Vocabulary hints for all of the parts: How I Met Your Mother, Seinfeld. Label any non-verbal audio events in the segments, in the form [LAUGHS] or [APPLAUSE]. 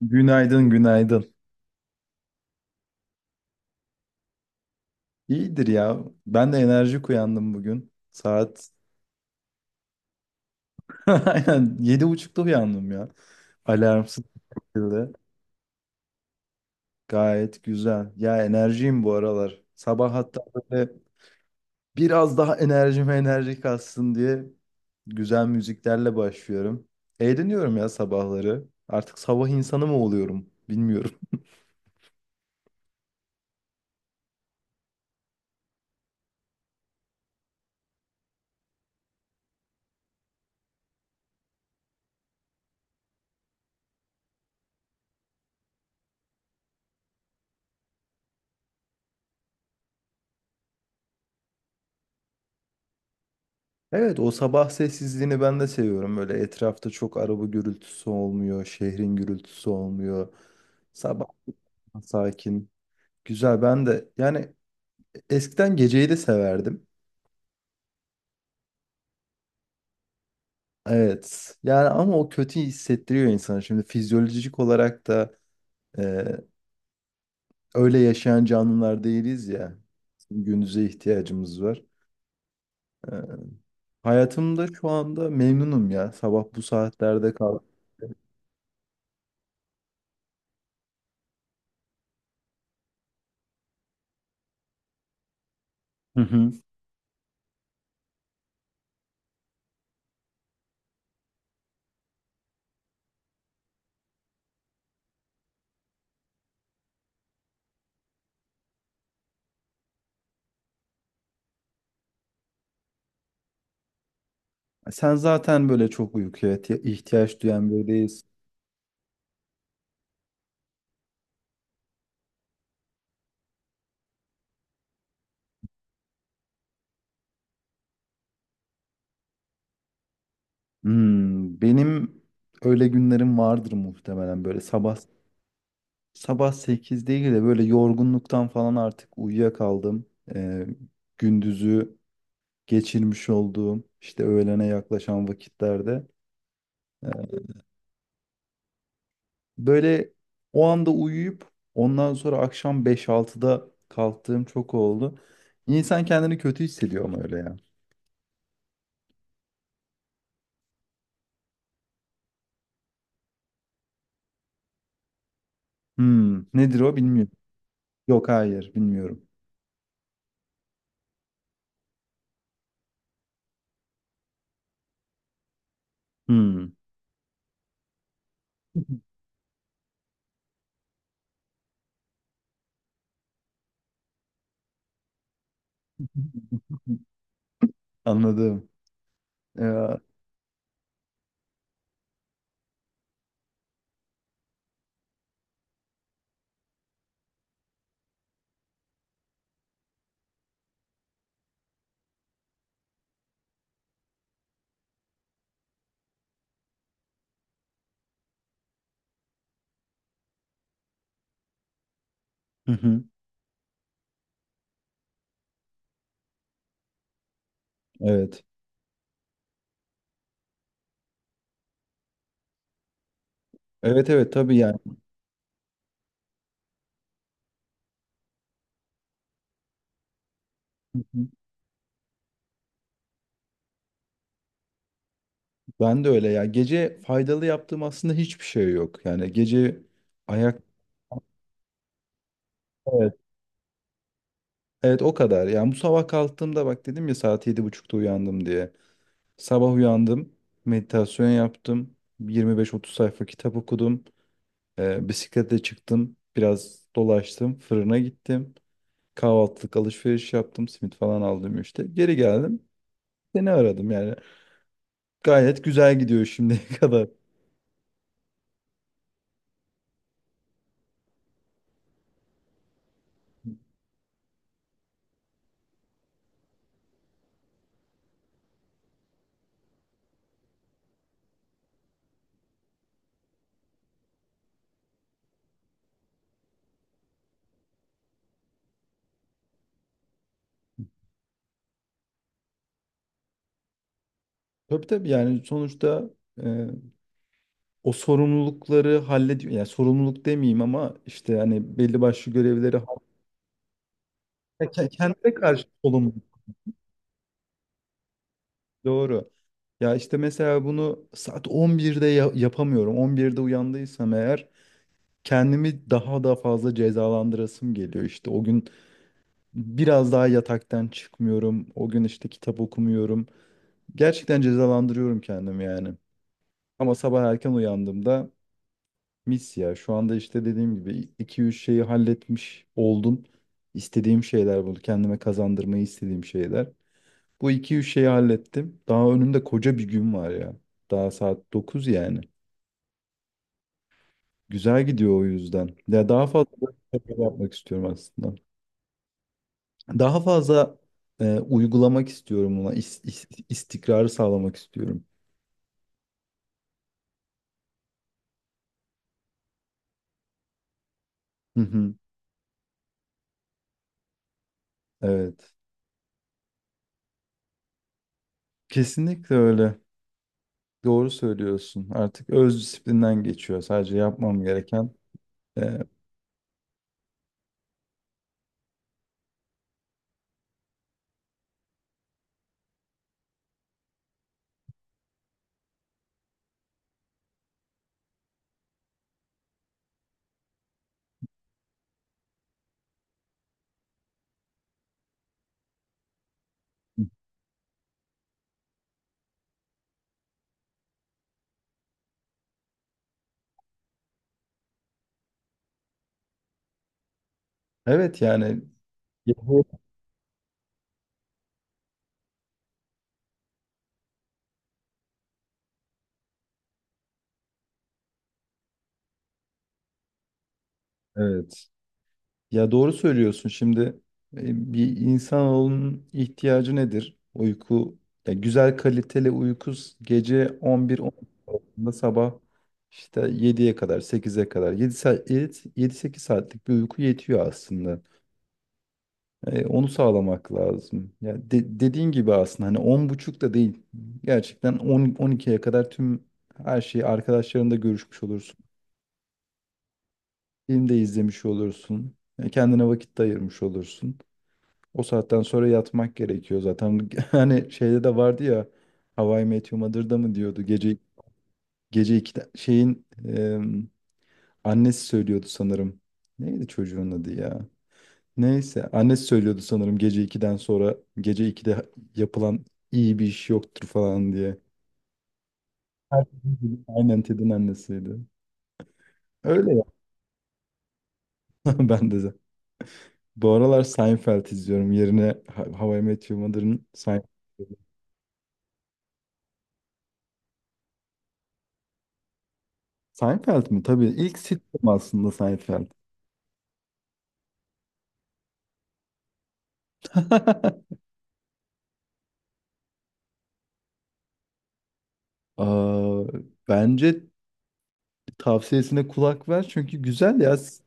Günaydın, günaydın. İyidir ya. Ben de enerjik uyandım bugün. Saat [LAUGHS] aynen 7.30'da uyandım ya. Alarmsız bir şekilde. Gayet güzel. Ya, enerjiyim bu aralar. Sabah hatta böyle biraz daha enerjime enerji katsın diye güzel müziklerle başlıyorum. Eğleniyorum ya sabahları. Artık sabah insanı mı oluyorum bilmiyorum. Evet, o sabah sessizliğini ben de seviyorum. Böyle etrafta çok araba gürültüsü olmuyor, şehrin gürültüsü olmuyor. Sabah [LAUGHS] sakin. Güzel, ben de yani eskiden geceyi de severdim. Evet yani, ama o kötü hissettiriyor insanı. Şimdi fizyolojik olarak da e, öyle yaşayan canlılar değiliz ya. Gündüze ihtiyacımız var. E, Hayatımda şu anda memnunum ya. Sabah bu saatlerde kalk. Hı hı. Sen zaten böyle çok uykuya ihtiyaç duyan biri değilsin. Benim öyle günlerim vardır muhtemelen, böyle sabah 8 değil de böyle yorgunluktan falan artık uyuyakaldım. Ee, Gündüzü geçirmiş olduğum işte öğlene yaklaşan vakitlerde. Böyle o anda uyuyup ondan sonra akşam beş altıda kalktığım çok oldu. İnsan kendini kötü hissediyor ama öyle ya. Nedir o bilmiyorum. Yok, hayır bilmiyorum. Hmm. [LAUGHS] Anladım. Ya. Hı hı. Evet. Evet evet, tabii yani. Hı hı. Ben de öyle ya. Gece faydalı yaptığım aslında hiçbir şey yok. Yani gece ayak. Evet. Evet, o kadar. Yani bu sabah kalktığımda, bak dedim ya, saat 7.30'da uyandım diye. Sabah uyandım. Meditasyon yaptım. 25-30 sayfa kitap okudum. Bisiklete çıktım. Biraz dolaştım. Fırına gittim. Kahvaltılık alışveriş yaptım. Simit falan aldım işte. Geri geldim. Seni aradım yani. Gayet güzel gidiyor şimdiye [LAUGHS] kadar. Tabii tabii yani, sonuçta e, o sorumlulukları hallediyor. Yani sorumluluk demeyeyim ama işte hani belli başlı görevleri. Ya, kendine karşı sorumluluk. Doğru. Ya işte mesela bunu saat 11'de yapamıyorum. 11'de uyandıysam eğer, kendimi daha da fazla cezalandırasım geliyor. İşte o gün biraz daha yataktan çıkmıyorum. O gün işte kitap okumuyorum. Gerçekten cezalandırıyorum kendimi yani. Ama sabah erken uyandığımda mis ya. Şu anda işte dediğim gibi iki üç şeyi halletmiş oldum. İstediğim şeyler, bunu kendime kazandırmayı istediğim şeyler. Bu iki üç şeyi hallettim. Daha önümde koca bir gün var ya. Daha saat 9 yani. Güzel gidiyor o yüzden. Ya, daha fazla böyle şeyler yapmak istiyorum aslında. Daha fazla uygulamak istiyorum buna. İstikrarı sağlamak istiyorum. Hı hı. Evet. Kesinlikle öyle. Doğru söylüyorsun. Artık öz disiplinden geçiyor. Sadece yapmam gereken e, Evet yani, ya evet. Ya, doğru söylüyorsun. Şimdi bir insanın ihtiyacı nedir? Uyku. Ya, güzel kaliteli uyku, gece 11-12 arasında, sabah işte 7'ye kadar, 8'e kadar, 7 saat, 7-8 saatlik bir uyku yetiyor aslında. Onu sağlamak lazım. Ya, dediğin gibi aslında hani 10.30 da değil. Gerçekten 10 12'ye kadar tüm her şeyi arkadaşlarınla görüşmüş olursun. Film de izlemiş olursun. Kendine vakit de ayırmış olursun. O saatten sonra yatmak gerekiyor zaten. [LAUGHS] Hani şeyde de vardı ya, How I Met Your Mother'da mı diyordu. Gece iki şeyin annesi söylüyordu sanırım. Neydi çocuğun adı ya? Neyse, annesi söylüyordu sanırım, gece 2'den sonra, gece 2'de yapılan iyi bir iş yoktur falan diye. Aynen, Ted'in annesiydi. Öyle ya. [LAUGHS] Ben de. Bu aralar Seinfeld izliyorum. Yerine, How I Met Your Mother'ın Seinfeld. Seinfeld mi? Tabii. ilk sitcom aslında Seinfeld. [LAUGHS] Aa, bence tavsiyesine kulak ver çünkü güzel ya. S-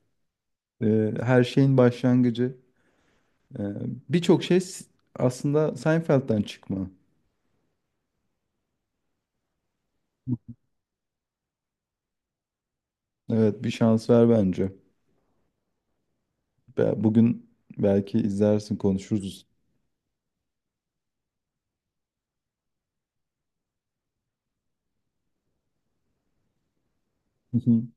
e, Her şeyin başlangıcı. E, Birçok şey aslında Seinfeld'den çıkma. Evet, bir şans ver bence. Bugün belki izlersin, konuşuruz. Hı hı. [LAUGHS]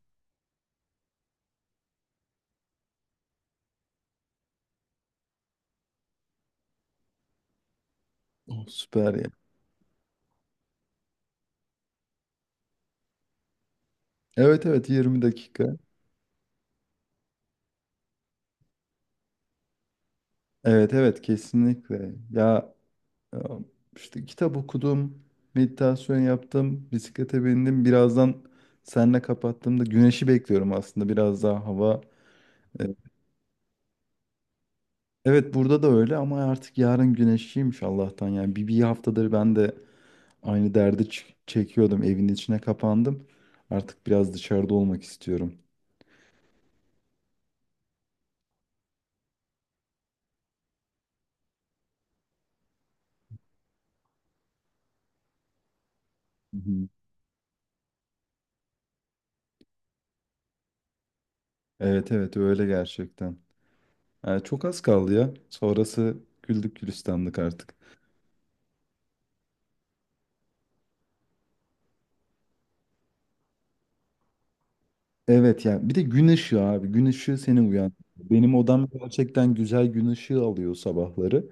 Oh, süper ya. Evet evet, 20 dakika. Evet evet, kesinlikle. Ya. Ee, İşte kitap okudum, meditasyon yaptım, bisiklete bindim. Birazdan seninle kapattığımda güneşi bekliyorum, aslında biraz daha hava. e, Evet, burada da öyle ama artık yarın güneşliymiş Allah'tan. Yani bir haftadır ben de aynı derdi çekiyordum. Evin içine kapandım. Artık biraz dışarıda olmak istiyorum. Hı hı. Evet evet, öyle gerçekten. Yani çok az kaldı ya. Sonrası güldük gülistanlık artık. Evet ya. Bir de gün ışığı, abi. Gün ışığı seni uyandırıyor. Benim odam gerçekten güzel gün ışığı alıyor sabahları.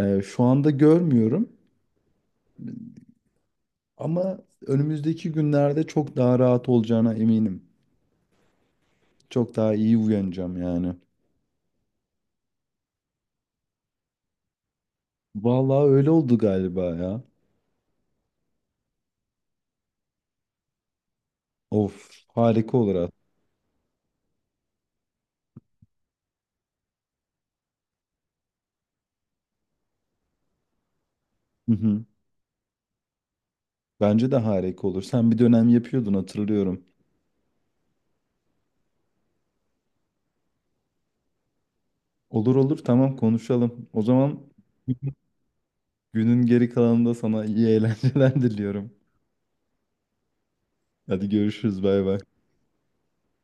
Şu anda görmüyorum ama önümüzdeki günlerde çok daha rahat olacağına eminim. Çok daha iyi uyanacağım yani. Vallahi öyle oldu galiba ya. Of, harika olur aslında. Hı hı. Bence de harika olur. Sen bir dönem yapıyordun, hatırlıyorum. Olur olur, tamam konuşalım. O zaman günün geri kalanında sana iyi eğlenceler [LAUGHS] diliyorum. Hadi görüşürüz, bay bay.